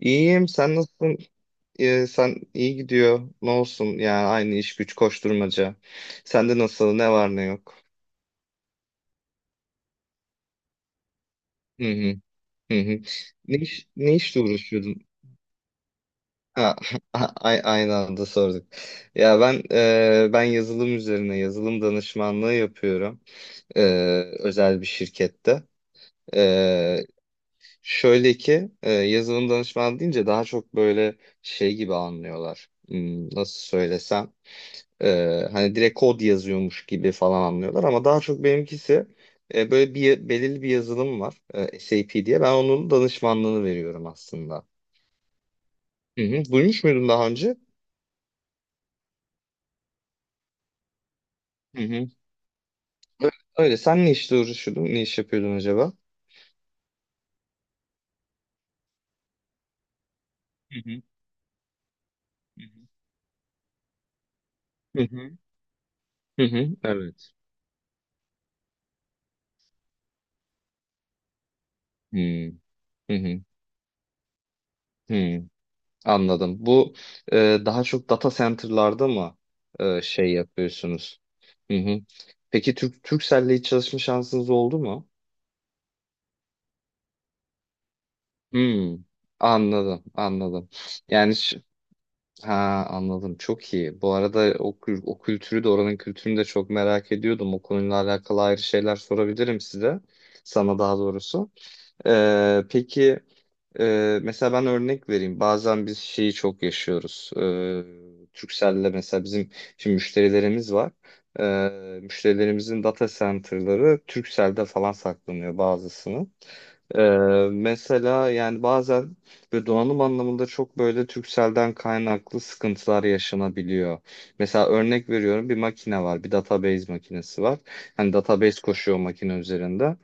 İyiyim. Sen nasılsın? Sen iyi gidiyor. Ne olsun? Yani aynı iş güç koşturmaca. Sende nasıl? Ne var ne yok? Hı hı. Hı hı. Ne iş, ne işle uğraşıyordun? Ha, a- aynı anda sorduk. Ya ben ben yazılım üzerine yazılım danışmanlığı yapıyorum. E, Özel bir şirkette. E, Şöyle ki yazılım danışmanı deyince daha çok böyle şey gibi anlıyorlar. Nasıl söylesem? Hani direkt kod yazıyormuş gibi falan anlıyorlar ama daha çok benimkisi böyle bir belirli bir yazılım var SAP diye ben onun danışmanlığını veriyorum aslında. Hı hı. Duymuş muydun daha önce? Hı hı. Ö- Öyle. Sen ne işle uğraşıyordun? Ne iş yapıyordun acaba? Hı hı. Hı hı. Hı hı. Evet. Hı hı. Hı. Hı. Anladım. Bu e, daha çok data center'larda mı şey yapıyorsunuz? Hı hı. Peki Turkcell'le hiç çalışma şansınız oldu mu? Hmm, Anladım, anladım. Yani ha anladım. Çok iyi. Bu arada o, o kültürü de oranın kültürünü de çok merak ediyordum. O konuyla alakalı ayrı şeyler sorabilirim size. Sana daha doğrusu. Peki mesela ben örnek vereyim. Bazen biz şeyi çok yaşıyoruz. Turkcell'le mesela bizim şimdi müşterilerimiz var. Müşterilerimizin data center'ları Turkcell'de falan saklanıyor bazısının. Ee, mesela yani bazen ve donanım anlamında çok böyle Turkcell'den kaynaklı sıkıntılar yaşanabiliyor. Mesela örnek veriyorum bir makine var, bir database makinesi var. Hani database koşuyor makine üzerinde.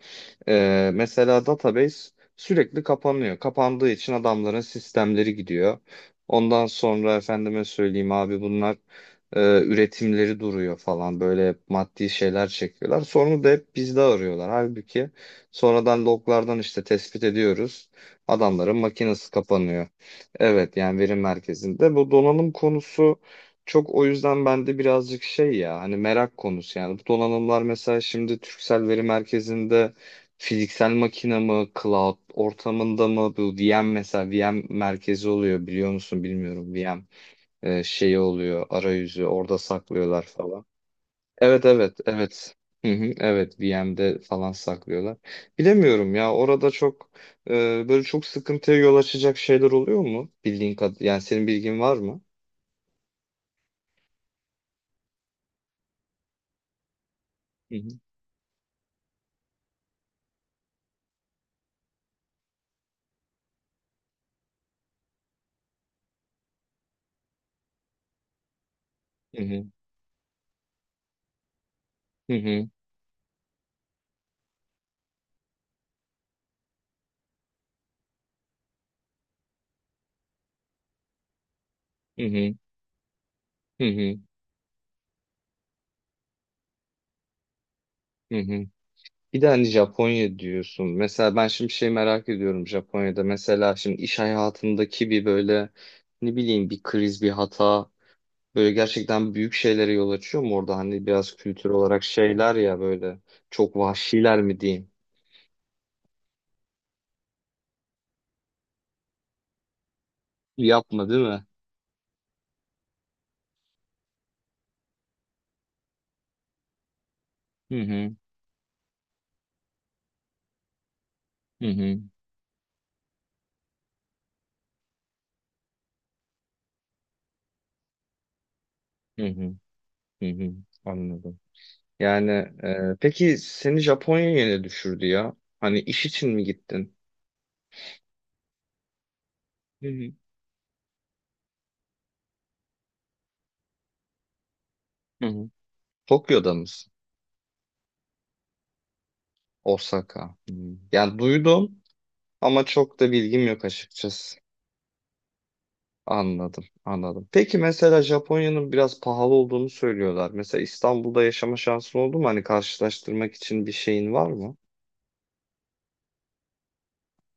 Mesela database sürekli kapanıyor. Kapandığı için adamların sistemleri gidiyor. Ondan sonra efendime söyleyeyim abi bunlar üretimleri duruyor falan. Böyle maddi şeyler çekiyorlar. Sorunu da hep bizde arıyorlar. Halbuki sonradan loglardan işte tespit ediyoruz. Adamların makinesi kapanıyor. Evet yani veri merkezinde. Bu donanım konusu çok o yüzden bende birazcık şey ya hani merak konusu yani. Bu donanımlar mesela şimdi Türksel Veri Merkezi'nde fiziksel makine mi, cloud ortamında mı bu VM mesela VM merkezi oluyor biliyor musun bilmiyorum VM şeyi oluyor arayüzü orada saklıyorlar falan. Evet evet. Hı hı, evet VM'de falan saklıyorlar. Bilemiyorum ya orada çok e, böyle çok sıkıntıya yol açacak şeyler oluyor mu? Bildiğin kad yani senin bilgin var mı? Hı hı. Hı hı. Hı hı. Hı hı. Hı. Hı hı. Bir de hani Japonya diyorsun. Mesela ben şimdi şey merak ediyorum Japonya'da. Mesela şimdi iş hayatındaki bir böyle ne bileyim bir kriz, bir hata böyle gerçekten büyük şeylere yol açıyor mu orada? Hani biraz kültür olarak şeyler ya böyle çok vahşiler mi diyeyim? Yapma değil mi? Hı hı, hı hı, hı hı, hı hı. Anladım. Yani peki seni Japonya'ya ne düşürdü ya? Hani iş için mi gittin? Hı hı. Hı hı. Tokyo'da mısın? Osaka. Hı. Yani duydum. Ama çok da bilgim yok açıkçası. Anladım, anladım. Peki mesela Japonya'nın biraz pahalı olduğunu söylüyorlar. Mesela İstanbul'da yaşama şansın oldu mu? Hani karşılaştırmak için bir şeyin var mı?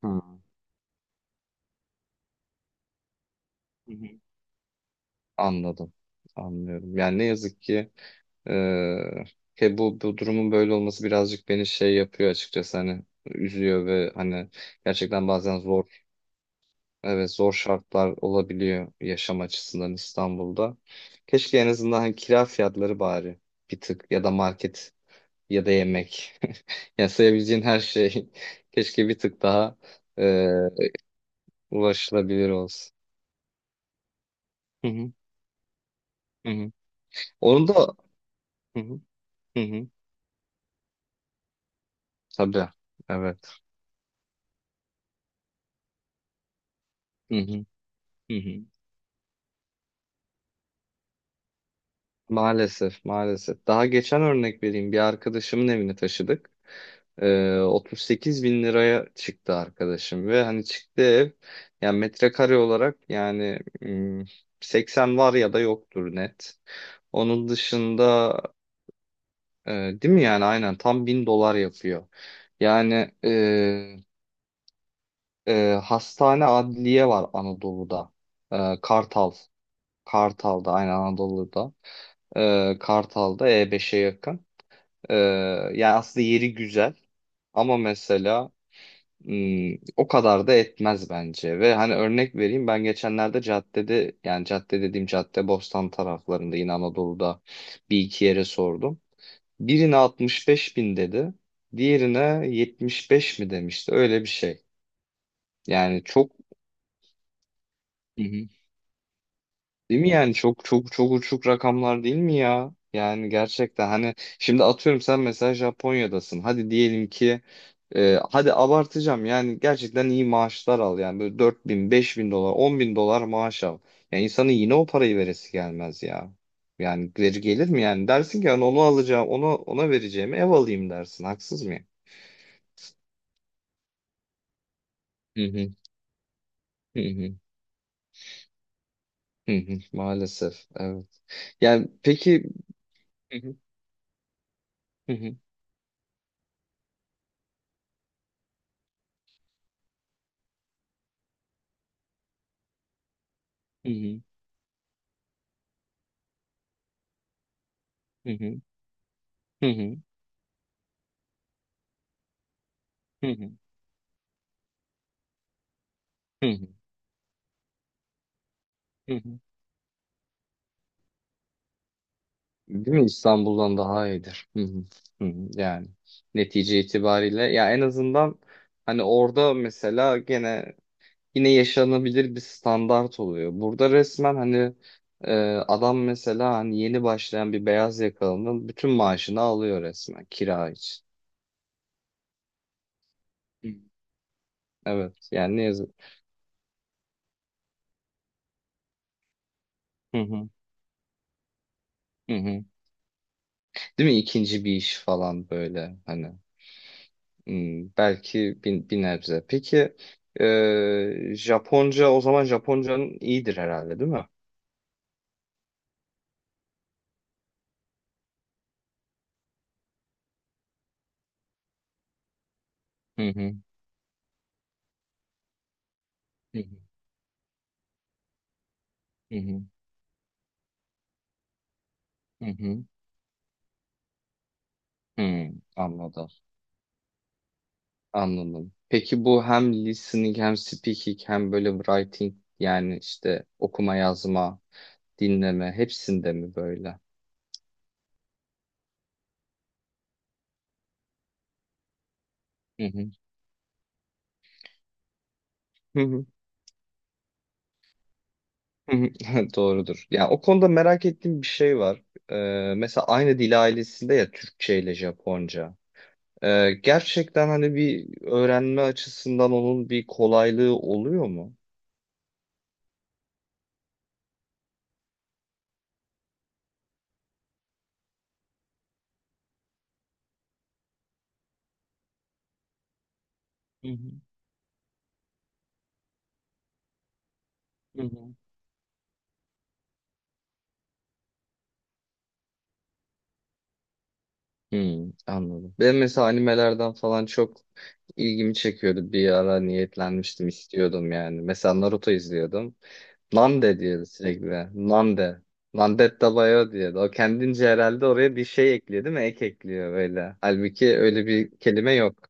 Hı. Hı hı. Anladım, anlıyorum. Yani ne yazık ki eee, he bu, bu durumun böyle olması birazcık beni şey yapıyor açıkçası. Hani üzüyor ve hani gerçekten bazen zor. Evet zor şartlar olabiliyor yaşam açısından İstanbul'da. Keşke en azından hani kira fiyatları bari bir tık ya da market ya da yemek. Yani sayabileceğin her şey keşke bir tık daha e, ulaşılabilir olsun. Hı hı, hı hı. Onu da hı hı, hı hı. Tabii. Evet. Hı hı, hı hı. Maalesef, maalesef. Daha geçen örnek vereyim. Bir arkadaşımın evini taşıdık. 38 bin liraya çıktı arkadaşım ve hani çıktı ev yani metrekare olarak yani 80 var ya da yoktur net. Onun dışında e, değil mi yani aynen tam 1.000 dolar yapıyor. Yani hastane adliye var Anadolu'da. E, Kartal. Kartal'da aynen Anadolu'da. Kartal'da E5'e yakın. Ee, Yani aslında yeri güzel ama mesela o kadar da etmez bence. Ve hani örnek vereyim ben geçenlerde caddede yani cadde dediğim cadde Bostan taraflarında yine Anadolu'da bir iki yere sordum. Birine 65 bin dedi. Diğerine 75 mi demişti öyle bir şey. Yani çok. Hı hı. Değil mi yani çok çok çok uçuk rakamlar değil mi ya? Yani gerçekten hani şimdi atıyorum sen mesela Japonya'dasın. Hadi diyelim ki hadi abartacağım yani gerçekten iyi maaşlar al yani böyle 4 bin, 5 bin dolar, 10 bin dolar maaş al. Yani insanın yine o parayı veresi gelmez ya. Yani geri gelir mi yani? Dersin ki yani onu alacağım, onu ona vereceğimi ev alayım dersin. Haksız mıyım? Hı hı, hı hı, hı hı. Maalesef evet. Yani peki hı hı, hı hı, hı hı, hı hı, hı hı, hı hı. Hı hı, hı hı. Değil mi? İstanbul'dan daha iyidir. Hı hı, hı hı. Yani netice itibariyle ya en azından hani orada mesela gene yine yaşanabilir bir standart oluyor. Burada resmen hani e, adam mesela hani yeni başlayan bir beyaz yakalının bütün maaşını alıyor resmen kira için. Hı. Evet yani ne yazık. Hı hı, hı hı. Değil mi? İkinci bir iş falan böyle hani. Hmm, belki bir, bir nebze. Peki Japonca o zaman Japoncanın iyidir herhalde değil mi? Hı hı. Hı hı. Hı hı. Hı. Hı, hı, anladım anladım. Peki bu hem listening hem speaking hem böyle writing yani işte okuma yazma dinleme hepsinde mi böyle? Hı hı. Hı hı. Hı hı. Doğrudur. Ya o konuda merak ettiğim bir şey var. Mesela aynı dil ailesinde ya Türkçe ile Japonca. Gerçekten hani bir öğrenme açısından onun bir kolaylığı oluyor mu? Hı hı. Hı hı. Anladım. Ben mesela animelerden falan çok ilgimi çekiyordu. Bir ara niyetlenmiştim, istiyordum yani. Mesela Naruto izliyordum. Nande diyordu sürekli. Nande. Nandetta Bayo diyordu. O kendince herhalde oraya bir şey ekliyor değil mi? Ek ekliyor böyle. Halbuki öyle bir kelime yok.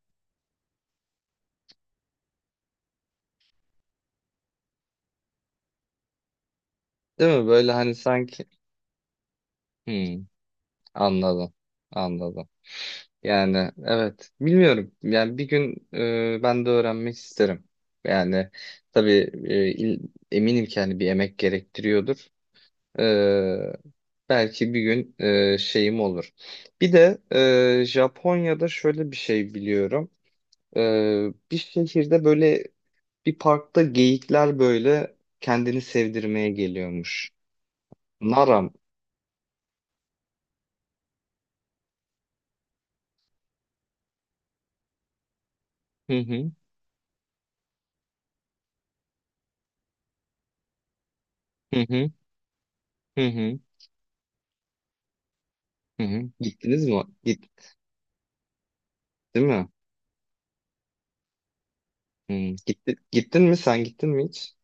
Değil mi? Böyle hani sanki... Hmm. Anladım. Anladım. Yani evet bilmiyorum. Yani bir gün ben de öğrenmek isterim. Yani tabii e, il- eminim ki hani bir emek gerektiriyordur. E, Belki bir gün şeyim olur. Bir de Japonya'da şöyle bir şey biliyorum. E, Bir şehirde böyle bir parkta geyikler böyle kendini sevdirmeye geliyormuş. Naram. Hı hı. Hı hı. Hı hı. Hı hı. Gittiniz mi? Git. Değil mi? Hmm. Gittin mi sen gittin mi hiç?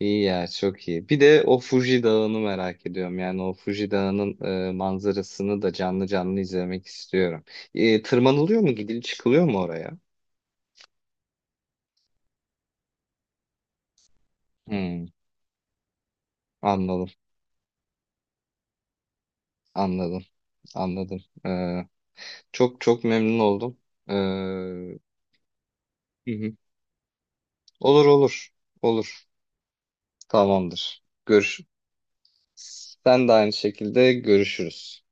İyi ya çok iyi. Bir de o Fuji Dağı'nı merak ediyorum. Yani o Fuji Dağı'nın manzarasını da canlı canlı izlemek istiyorum. Tırmanılıyor mu? Çıkılıyor mu oraya? Hmm, Anladım, anladım, anladım. Ee, Çok çok memnun oldum. Hı hı. Olur olur, olur. Tamamdır. Görüş. Sen de aynı şekilde görüşürüz.